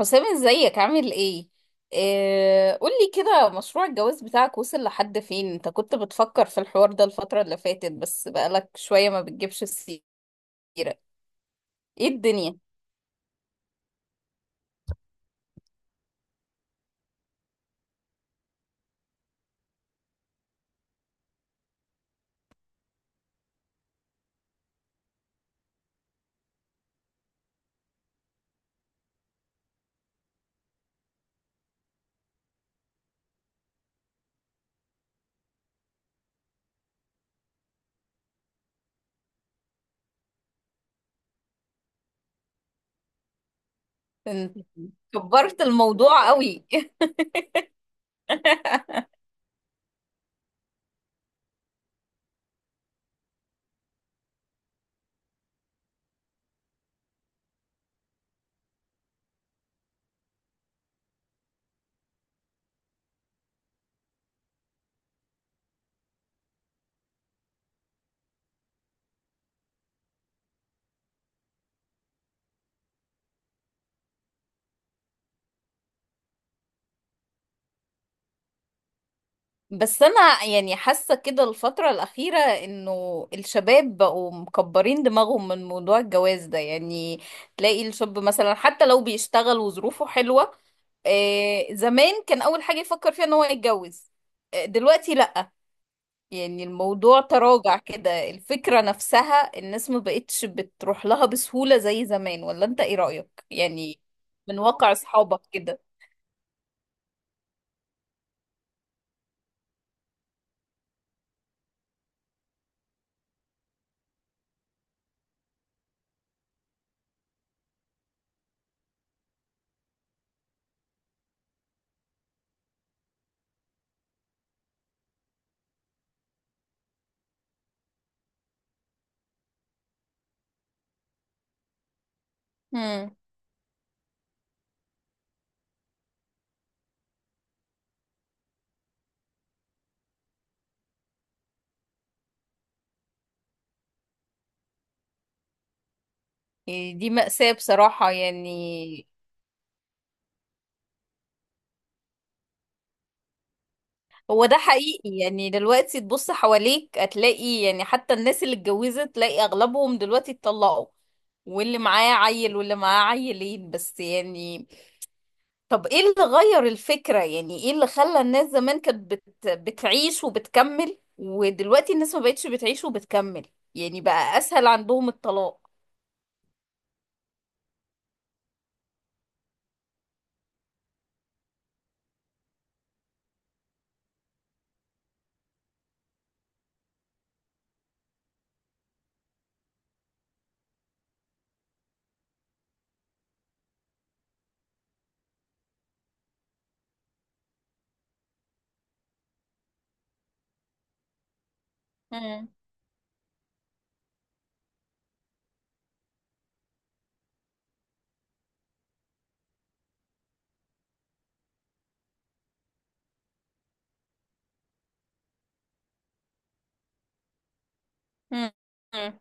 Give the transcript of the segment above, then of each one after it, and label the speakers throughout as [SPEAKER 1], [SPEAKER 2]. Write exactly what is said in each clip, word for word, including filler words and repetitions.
[SPEAKER 1] حسام، ازيك عامل ايه؟ آه، قولي كده، مشروع الجواز بتاعك وصل لحد فين؟ انت كنت بتفكر في الحوار ده الفترة اللي فاتت، بس بقالك شوية ما بتجيبش السيرة. ايه الدنيا؟ انت كبرت الموضوع قوي. بس انا يعني حاسة كده الفترة الأخيرة انه الشباب بقوا مكبرين دماغهم من موضوع الجواز ده. يعني تلاقي الشاب مثلا حتى لو بيشتغل وظروفه حلوة، آه، زمان كان اول حاجة يفكر فيها ان هو يتجوز. آه، دلوقتي لا. يعني الموضوع تراجع كده، الفكرة نفسها الناس ما بقتش بتروح لها بسهولة زي زمان. ولا انت ايه رأيك يعني؟ من واقع اصحابك كده. امم. دي مأساة بصراحة يعني. هو ده حقيقي، يعني دلوقتي تبص حواليك هتلاقي يعني حتى الناس اللي اتجوزت تلاقي اغلبهم دلوقتي اتطلقوا. واللي معاه عيل واللي معاه عيلين بس يعني. طب ايه اللي غير الفكرة؟ يعني ايه اللي خلى الناس زمان كانت بت... بتعيش وبتكمل ودلوقتي الناس ما بقتش بتعيش وبتكمل؟ يعني بقى اسهل عندهم الطلاق. مم. مم. مم.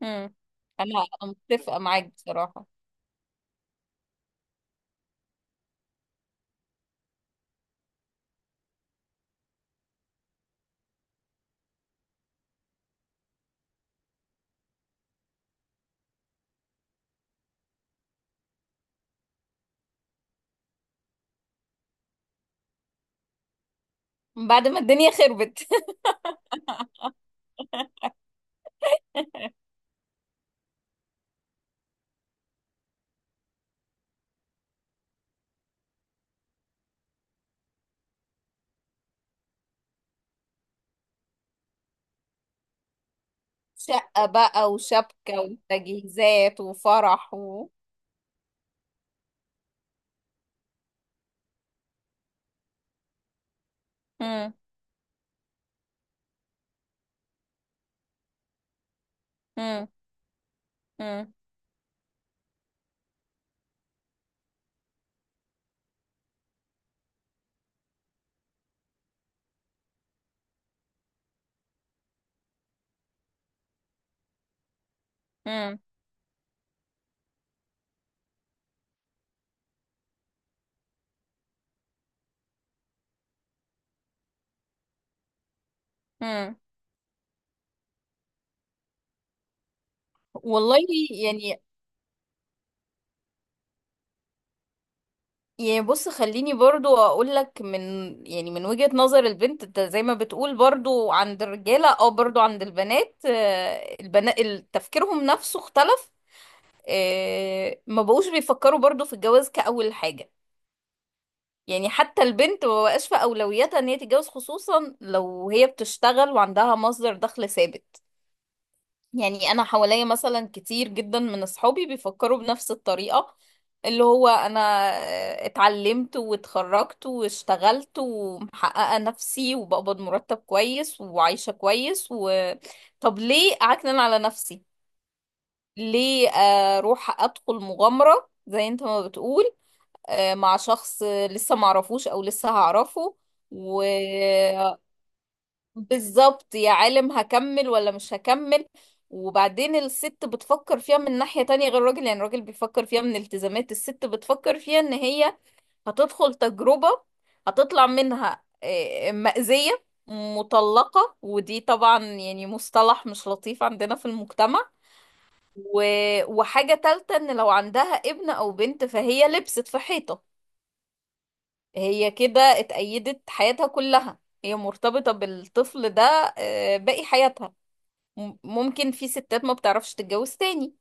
[SPEAKER 1] مم. انا أنا متفقة معاك بصراحة. بعد ما الدنيا خربت. شقة بقى وشبكة وتجهيزات وفرح و. مم. مم. مم. مم. مم. والله، يعني يعني بص، خليني برضو اقول لك من، يعني من وجهة نظر البنت، انت زي ما بتقول برضو عند الرجالة او برضو عند البنات البنات تفكيرهم نفسه اختلف. آه، ما بقوش بيفكروا برضو في الجواز كأول حاجة. يعني حتى البنت ما بقاش في اولوياتها ان هي تتجوز، خصوصا لو هي بتشتغل وعندها مصدر دخل ثابت. يعني انا حواليا مثلا كتير جدا من اصحابي بيفكروا بنفس الطريقة، اللي هو انا اتعلمت واتخرجت واشتغلت ومحققة نفسي وبقبض مرتب كويس وعايشة كويس و. طب ليه اعكنن على نفسي؟ ليه اروح ادخل مغامرة زي انت ما بتقول، آه، مع شخص لسه معرفوش او لسه هعرفه؟ و. بالظبط، يا عالم هكمل ولا مش هكمل. وبعدين الست بتفكر فيها من ناحية تانية غير الراجل، يعني الراجل بيفكر فيها من التزامات، الست بتفكر فيها ان هي هتدخل تجربة هتطلع منها آه، مأزية، مطلقة، ودي طبعا يعني مصطلح مش لطيف عندنا في المجتمع. و. وحاجة تالتة ان لو عندها ابن او بنت فهي لبست في حيطة. هي كده اتأيدت حياتها كلها، هي مرتبطة بالطفل ده آه، باقي حياتها. م- ممكن في ستات ما بتعرفش تتجوز تاني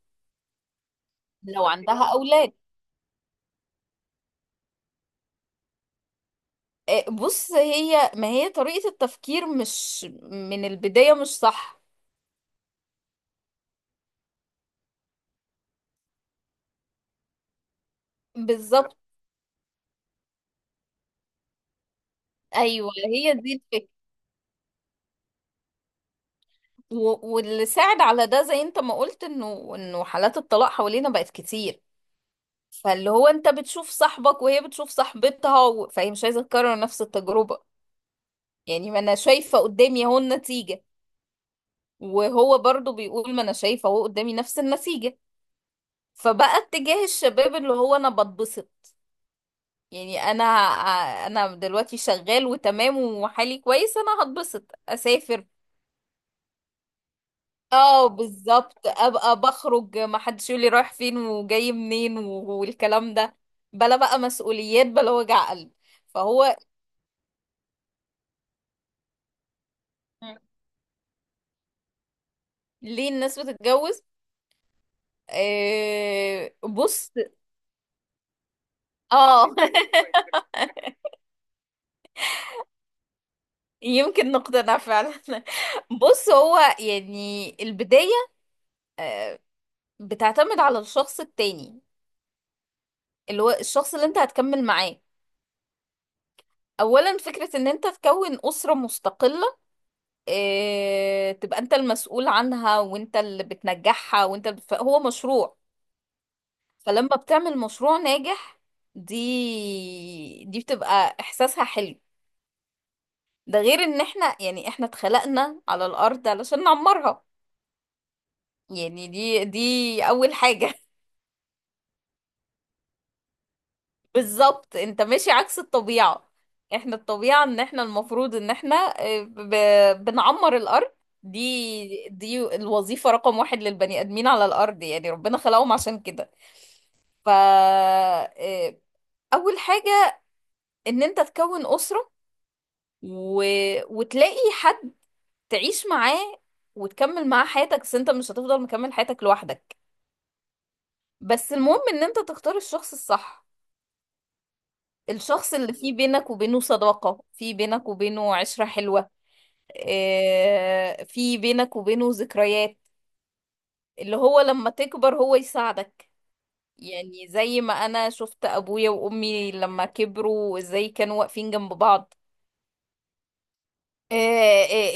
[SPEAKER 1] لو عندها أولاد. آه، بص، هي ما هي طريقة التفكير مش من البداية مش صح. بالظبط. أيوة، هي دي الفكرة. و- واللي ساعد على ده زي انت ما قلت انه انه حالات الطلاق حوالينا بقت كتير. فاللي هو انت بتشوف صاحبك وهي بتشوف صاحبتها و. فهي مش عايزة تكرر نفس التجربة. يعني ما انا شايفة قدامي اهو النتيجة، وهو برضو بيقول ما انا شايفة اهو قدامي نفس النتيجة. فبقى اتجاه الشباب اللي هو انا بتبسط. يعني انا انا دلوقتي شغال وتمام وحالي كويس، انا هتبسط اسافر. اه بالظبط، ابقى بخرج ما حدش يقول لي رايح فين وجاي منين و- والكلام ده. بلا بقى مسؤوليات، بلا وجع قلب. فهو. مم. ليه الناس بتتجوز؟ آه، بص. اه. يمكن نقتنع فعلا. بص، هو يعني البداية بتعتمد على الشخص التاني، اللي هو الشخص اللي انت هتكمل معاه. اولا فكرة ان انت تكون اسرة مستقلة، اه تبقى انت المسؤول عنها وانت اللي بتنجحها وانت اللي بتف... هو مشروع. فلما بتعمل مشروع ناجح دي دي بتبقى احساسها حلو. ده غير ان احنا يعني احنا اتخلقنا على الارض علشان نعمرها. يعني دي دي اول حاجة. بالظبط، انت ماشي عكس الطبيعة. احنا الطبيعة ان احنا المفروض ان احنا آه، ب... بنعمر الارض. دي دي الوظيفة رقم واحد للبني ادمين على الارض، يعني ربنا خلقهم عشان كده. ف آه، اول حاجة ان انت تكون اسرة، و. وتلاقي حد تعيش معاه وتكمل معاه حياتك، بس انت مش هتفضل مكمل حياتك لوحدك. بس المهم ان انت تختار الشخص الصح، الشخص اللي فيه بينك وبينه صداقة، فيه بينك وبينه عشرة حلوة، آه، في بينك وبينه ذكريات، اللي هو لما تكبر هو يساعدك. يعني زي ما انا شفت ابويا وامي لما كبروا ازاي كانوا واقفين جنب بعض. آه،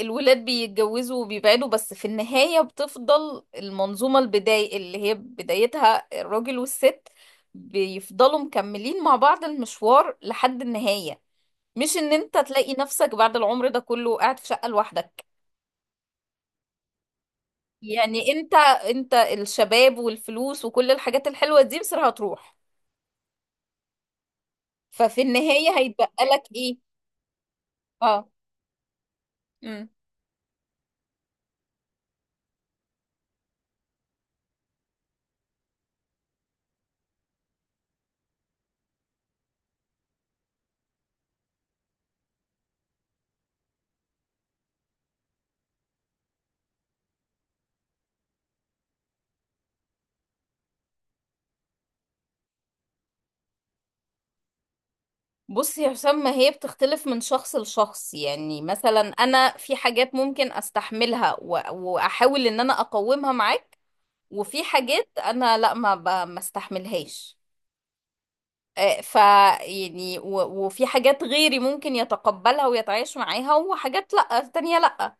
[SPEAKER 1] آه، الولاد بيتجوزوا وبيبعدوا، بس في النهاية بتفضل المنظومة البداية اللي هي بدايتها الراجل والست، بيفضلوا مكملين مع بعض المشوار لحد النهاية. مش ان انت تلاقي نفسك بعد العمر ده كله قاعد في شقة لوحدك. يعني انت انت الشباب والفلوس وكل الحاجات الحلوة دي مصر هتروح، ففي النهاية هيتبقى لك ايه؟ اه. امم. بصي يا حسام، ما هي بتختلف من شخص لشخص، يعني مثلا انا في حاجات ممكن استحملها و- واحاول ان انا اقومها معاك، وفي حاجات انا لا، ما ب- ما استحملهاش. آه، ف يعني و- وفي حاجات غيري ممكن يتقبلها ويتعايش معاها، وحاجات لا تانية لا.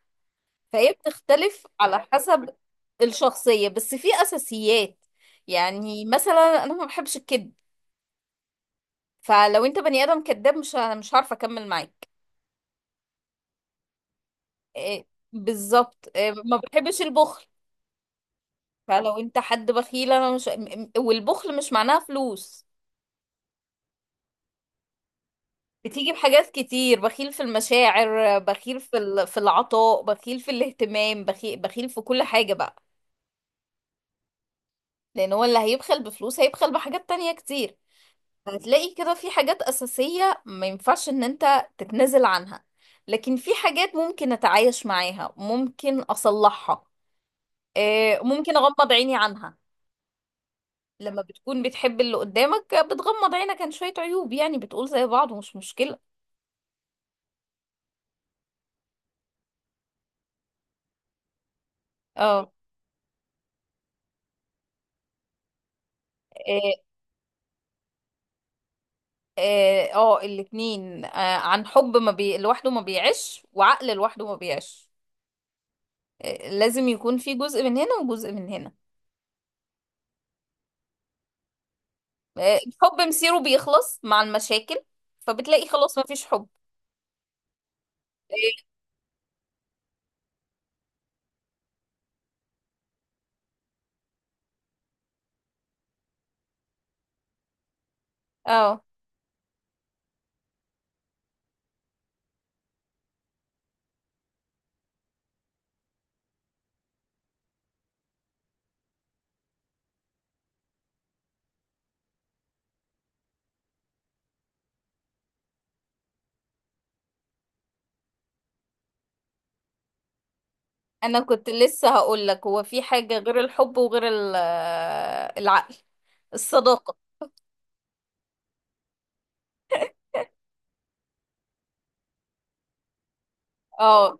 [SPEAKER 1] فهي بتختلف على حسب الشخصية، بس في أساسيات. يعني مثلا أنا ما بحبش الكذب، فلو أنت بني آدم كذاب مش مش عارفة أكمل معاك. إيه؟ بالظبط، إيه. ما بحبش البخل، فلو أنت حد بخيل أنا مش م- م- والبخل مش معناها فلوس، بتيجي بحاجات كتير، بخيل في المشاعر، بخيل في ال- في العطاء، بخيل في الاهتمام، بخيل بخيل في كل حاجة بقى. لأن هو اللي هيبخل بفلوس هيبخل بحاجات تانية كتير. هتلاقي كده في حاجات أساسية ما ينفعش إن أنت تتنازل عنها، لكن في حاجات ممكن أتعايش معاها، ممكن أصلحها، آه، ممكن أغمض عيني عنها. لما بتكون بتحب اللي قدامك بتغمض عينك عن شوية عيوب، يعني بتقول زي بعض ومش مشكلة. اه. اه. اه آه، الاتنين. آه، عن حب ما بي... لوحده ما بيعيش، وعقل لوحده ما بيعيش. آه، لازم يكون في جزء من هنا وجزء من هنا. آه، الحب مصيره بيخلص مع المشاكل، فبتلاقي خلاص ما فيش حب. إيه؟ اه، انا كنت لسه هقول لك هو في حاجة غير الحب وغير ال- آه، العقل. الصداقة. اه،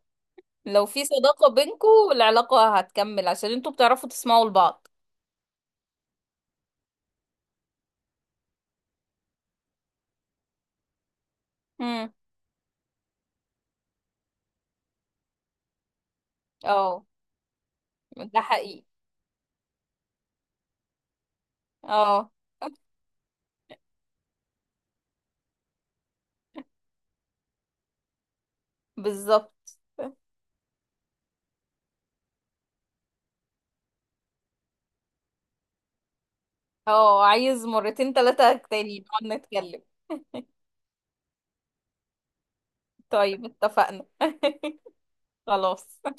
[SPEAKER 1] لو في صداقة بينكم العلاقة هتكمل عشان انتوا بتعرفوا تسمعوا لبعض. امم. اه. ده حقيقي. اه بالظبط. اه، عايز مرتين تلاتة تاني نقعد نتكلم. طيب، اتفقنا. خلاص.